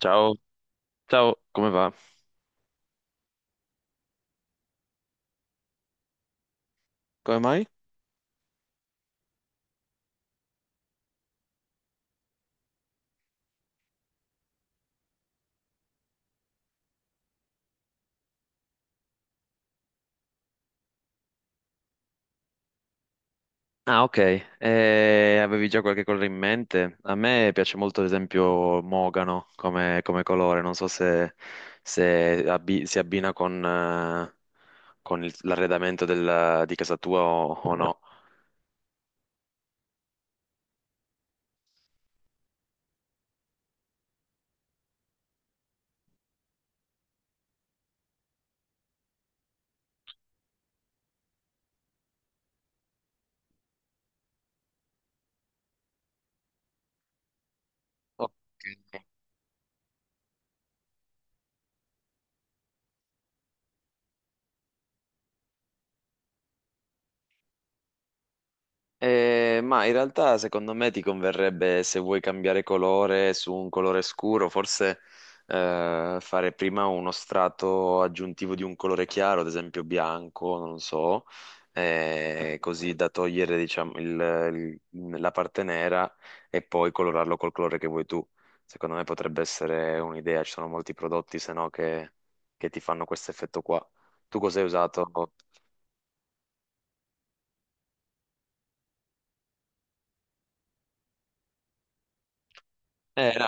Ciao, ciao, come va? Come mai? Ah, ok. Avevi già qualche colore in mente? A me piace molto, ad esempio, Mogano come, come colore, non so se, si abbina con l'arredamento di casa tua o no. Ok. Ma in realtà secondo me ti converrebbe se vuoi cambiare colore su un colore scuro, forse fare prima uno strato aggiuntivo di un colore chiaro, ad esempio bianco, non so, così da togliere diciamo, la parte nera e poi colorarlo col colore che vuoi tu. Secondo me potrebbe essere un'idea, ci sono molti prodotti se no che, che ti fanno questo effetto qua. Tu cosa hai usato? No,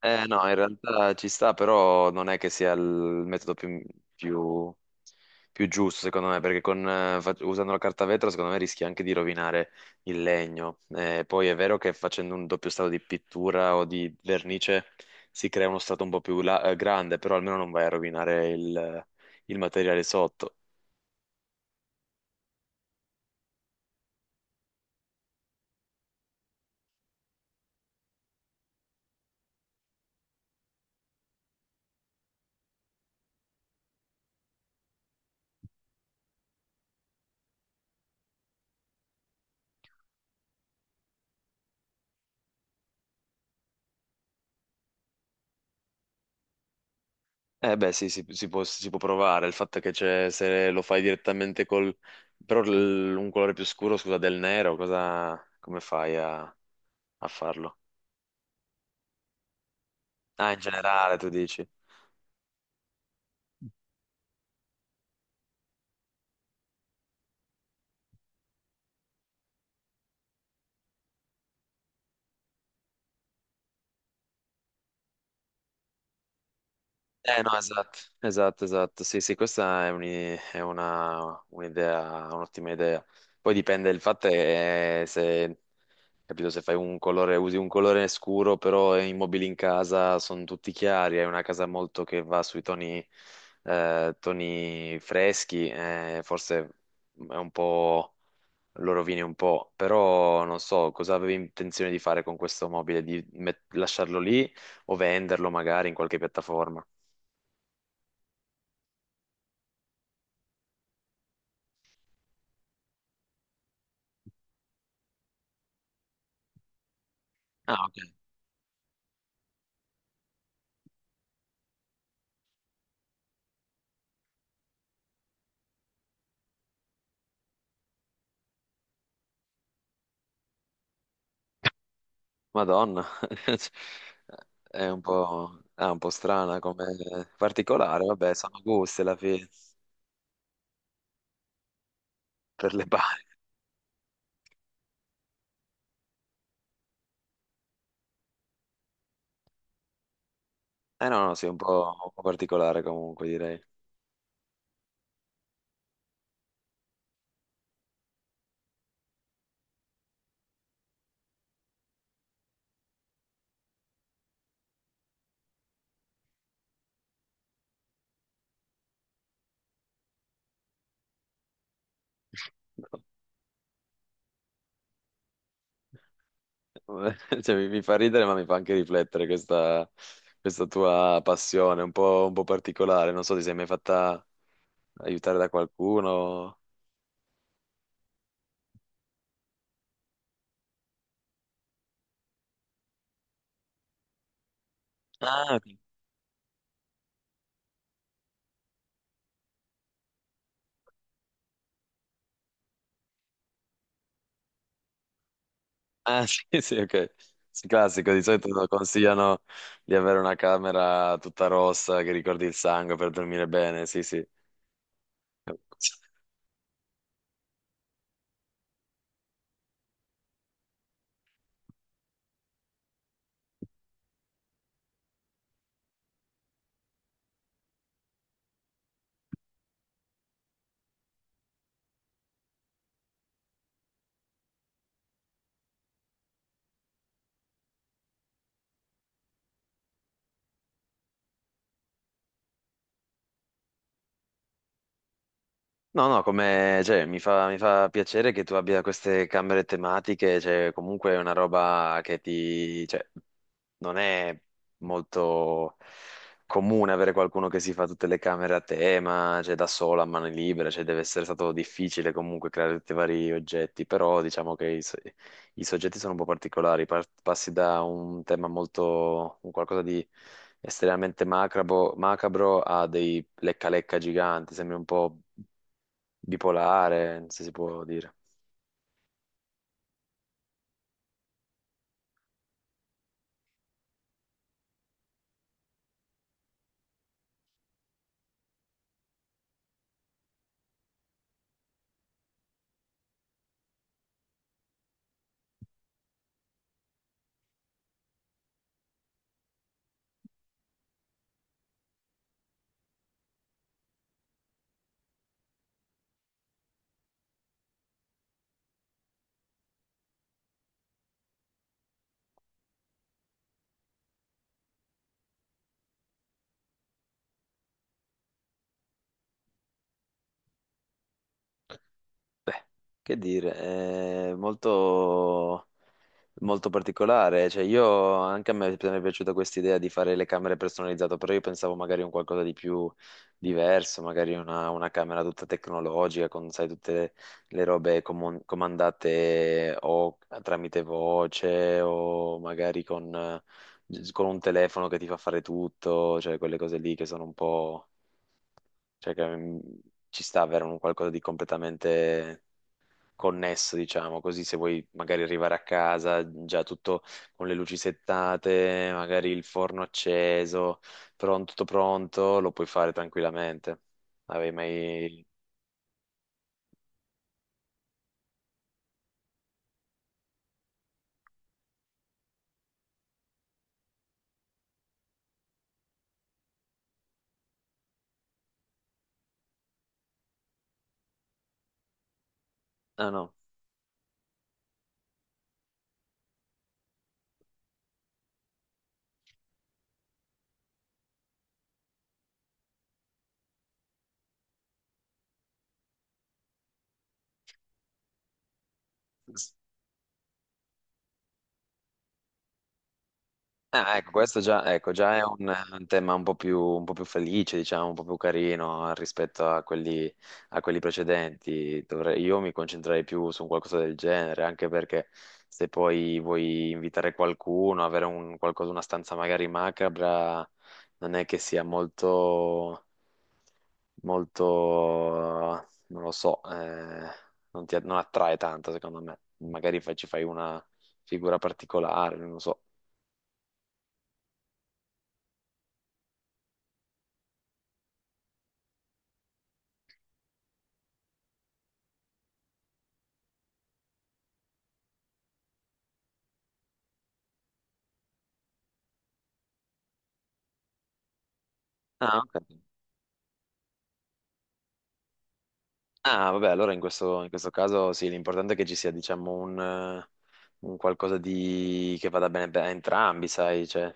no, in realtà ci sta, però non è che sia il metodo più, più- più giusto, secondo me, perché con, usando la carta vetro, secondo me, rischi anche di rovinare il legno. Poi è vero che facendo un doppio strato di pittura o di vernice si crea uno strato un po' più grande, però almeno non vai a rovinare il materiale sotto. Eh beh, sì, si può provare. Il fatto è che c'è, se lo fai direttamente col... però un colore più scuro, scusa, del nero, cosa... come fai a, a farlo? Ah, in generale, tu dici. Eh no, esatto, esatto, esatto. Sì, sì, questa è un'idea, un'ottima idea. Poi dipende, il fatto è se, capito, se fai un colore, usi un colore scuro, però i mobili in casa sono tutti chiari, è una casa molto che va sui toni, toni freschi, forse è un po', lo rovini un po', però non so, cosa avevi intenzione di fare con questo mobile, di lasciarlo lì o venderlo magari in qualche piattaforma? Ah, ok. Madonna. È un po', ah, un po' strana come particolare, vabbè, sono gusti alla fine per le bari. Eh no, no, sì, un po' particolare comunque direi. Cioè, mi fa ridere, ma mi fa anche riflettere questa, questa tua passione, un po' particolare. Non so, ti sei mai fatta aiutare da qualcuno? Ah, ok. Ah, sì, sì, ok. Sì, classico, di solito consigliano di avere una camera tutta rossa che ricordi il sangue per dormire bene, sì, sì. No, no, come, cioè, mi fa piacere che tu abbia queste camere tematiche, cioè, comunque è una roba che ti, cioè, non è molto comune avere qualcuno che si fa tutte le camere a tema, cioè da sola a mano libera, cioè deve essere stato difficile comunque creare tutti i vari oggetti, però diciamo che i soggetti sono un po' particolari, passi da un tema molto, un qualcosa di estremamente macabro a dei lecca-lecca giganti, sembri un po' bipolare, non so se si può dire. Beh, che dire, è molto... Molto particolare, cioè io anche a me mi è piaciuta questa idea di fare le camere personalizzate, però io pensavo magari un qualcosa di più diverso, magari una camera tutta tecnologica con, sai, tutte le robe comandate o tramite voce o magari con un telefono che ti fa fare tutto, cioè quelle cose lì che sono un po', cioè che mm, ci sta avere un qualcosa di completamente connesso, diciamo, così se vuoi magari arrivare a casa già tutto con le luci settate, magari il forno acceso, pronto, tutto pronto, lo puoi fare tranquillamente. Avevi mai... Ah no. Ah, ecco, questo già, ecco, già è un tema un po' più felice, diciamo, un po' più carino rispetto a quelli precedenti. Dovrei- io mi concentrerei più su un qualcosa del genere, anche perché se poi vuoi invitare qualcuno, avere un, qualcosa, una stanza magari macabra, non è che sia molto, molto, non lo so, non ti, non attrae tanto, secondo me. Magari ci fai una figura particolare, non lo so. Ah, ok. Ah, vabbè, allora in questo caso sì, l'importante è che ci sia, diciamo, un qualcosa di... che vada bene a entrambi, sai, cioè,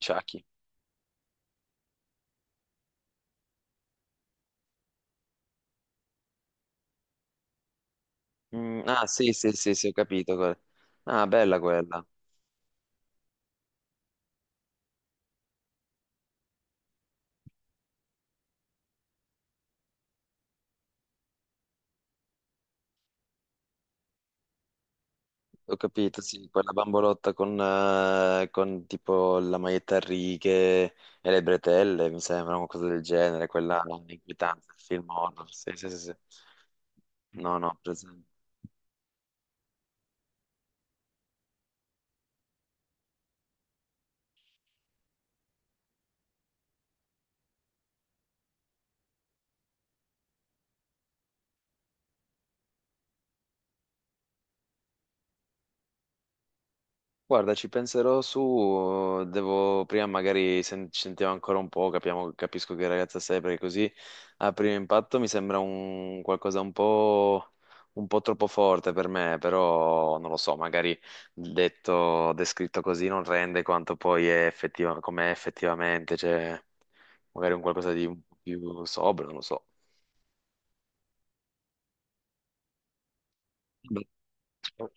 sciacchi. Mm, ah, sì, sì, sì, sì, ho capito. Quella. Ah, bella quella. Ho capito, sì, quella bambolotta con tipo la maglietta a righe e le bretelle, mi sembra, qualcosa del genere, quella inquietante, il film horror, sì, sì, sì, sì. No, no, presente. Guarda, ci penserò su, devo prima magari ci sentiamo ancora un po', capiamo, capisco che ragazza sei, perché così a primo impatto mi sembra un qualcosa un po' troppo forte per me, però non lo so, magari detto, descritto così non rende quanto poi è effettiva, com'è effettivamente, cioè magari un qualcosa di un po' più sobrio, non lo so. Beh.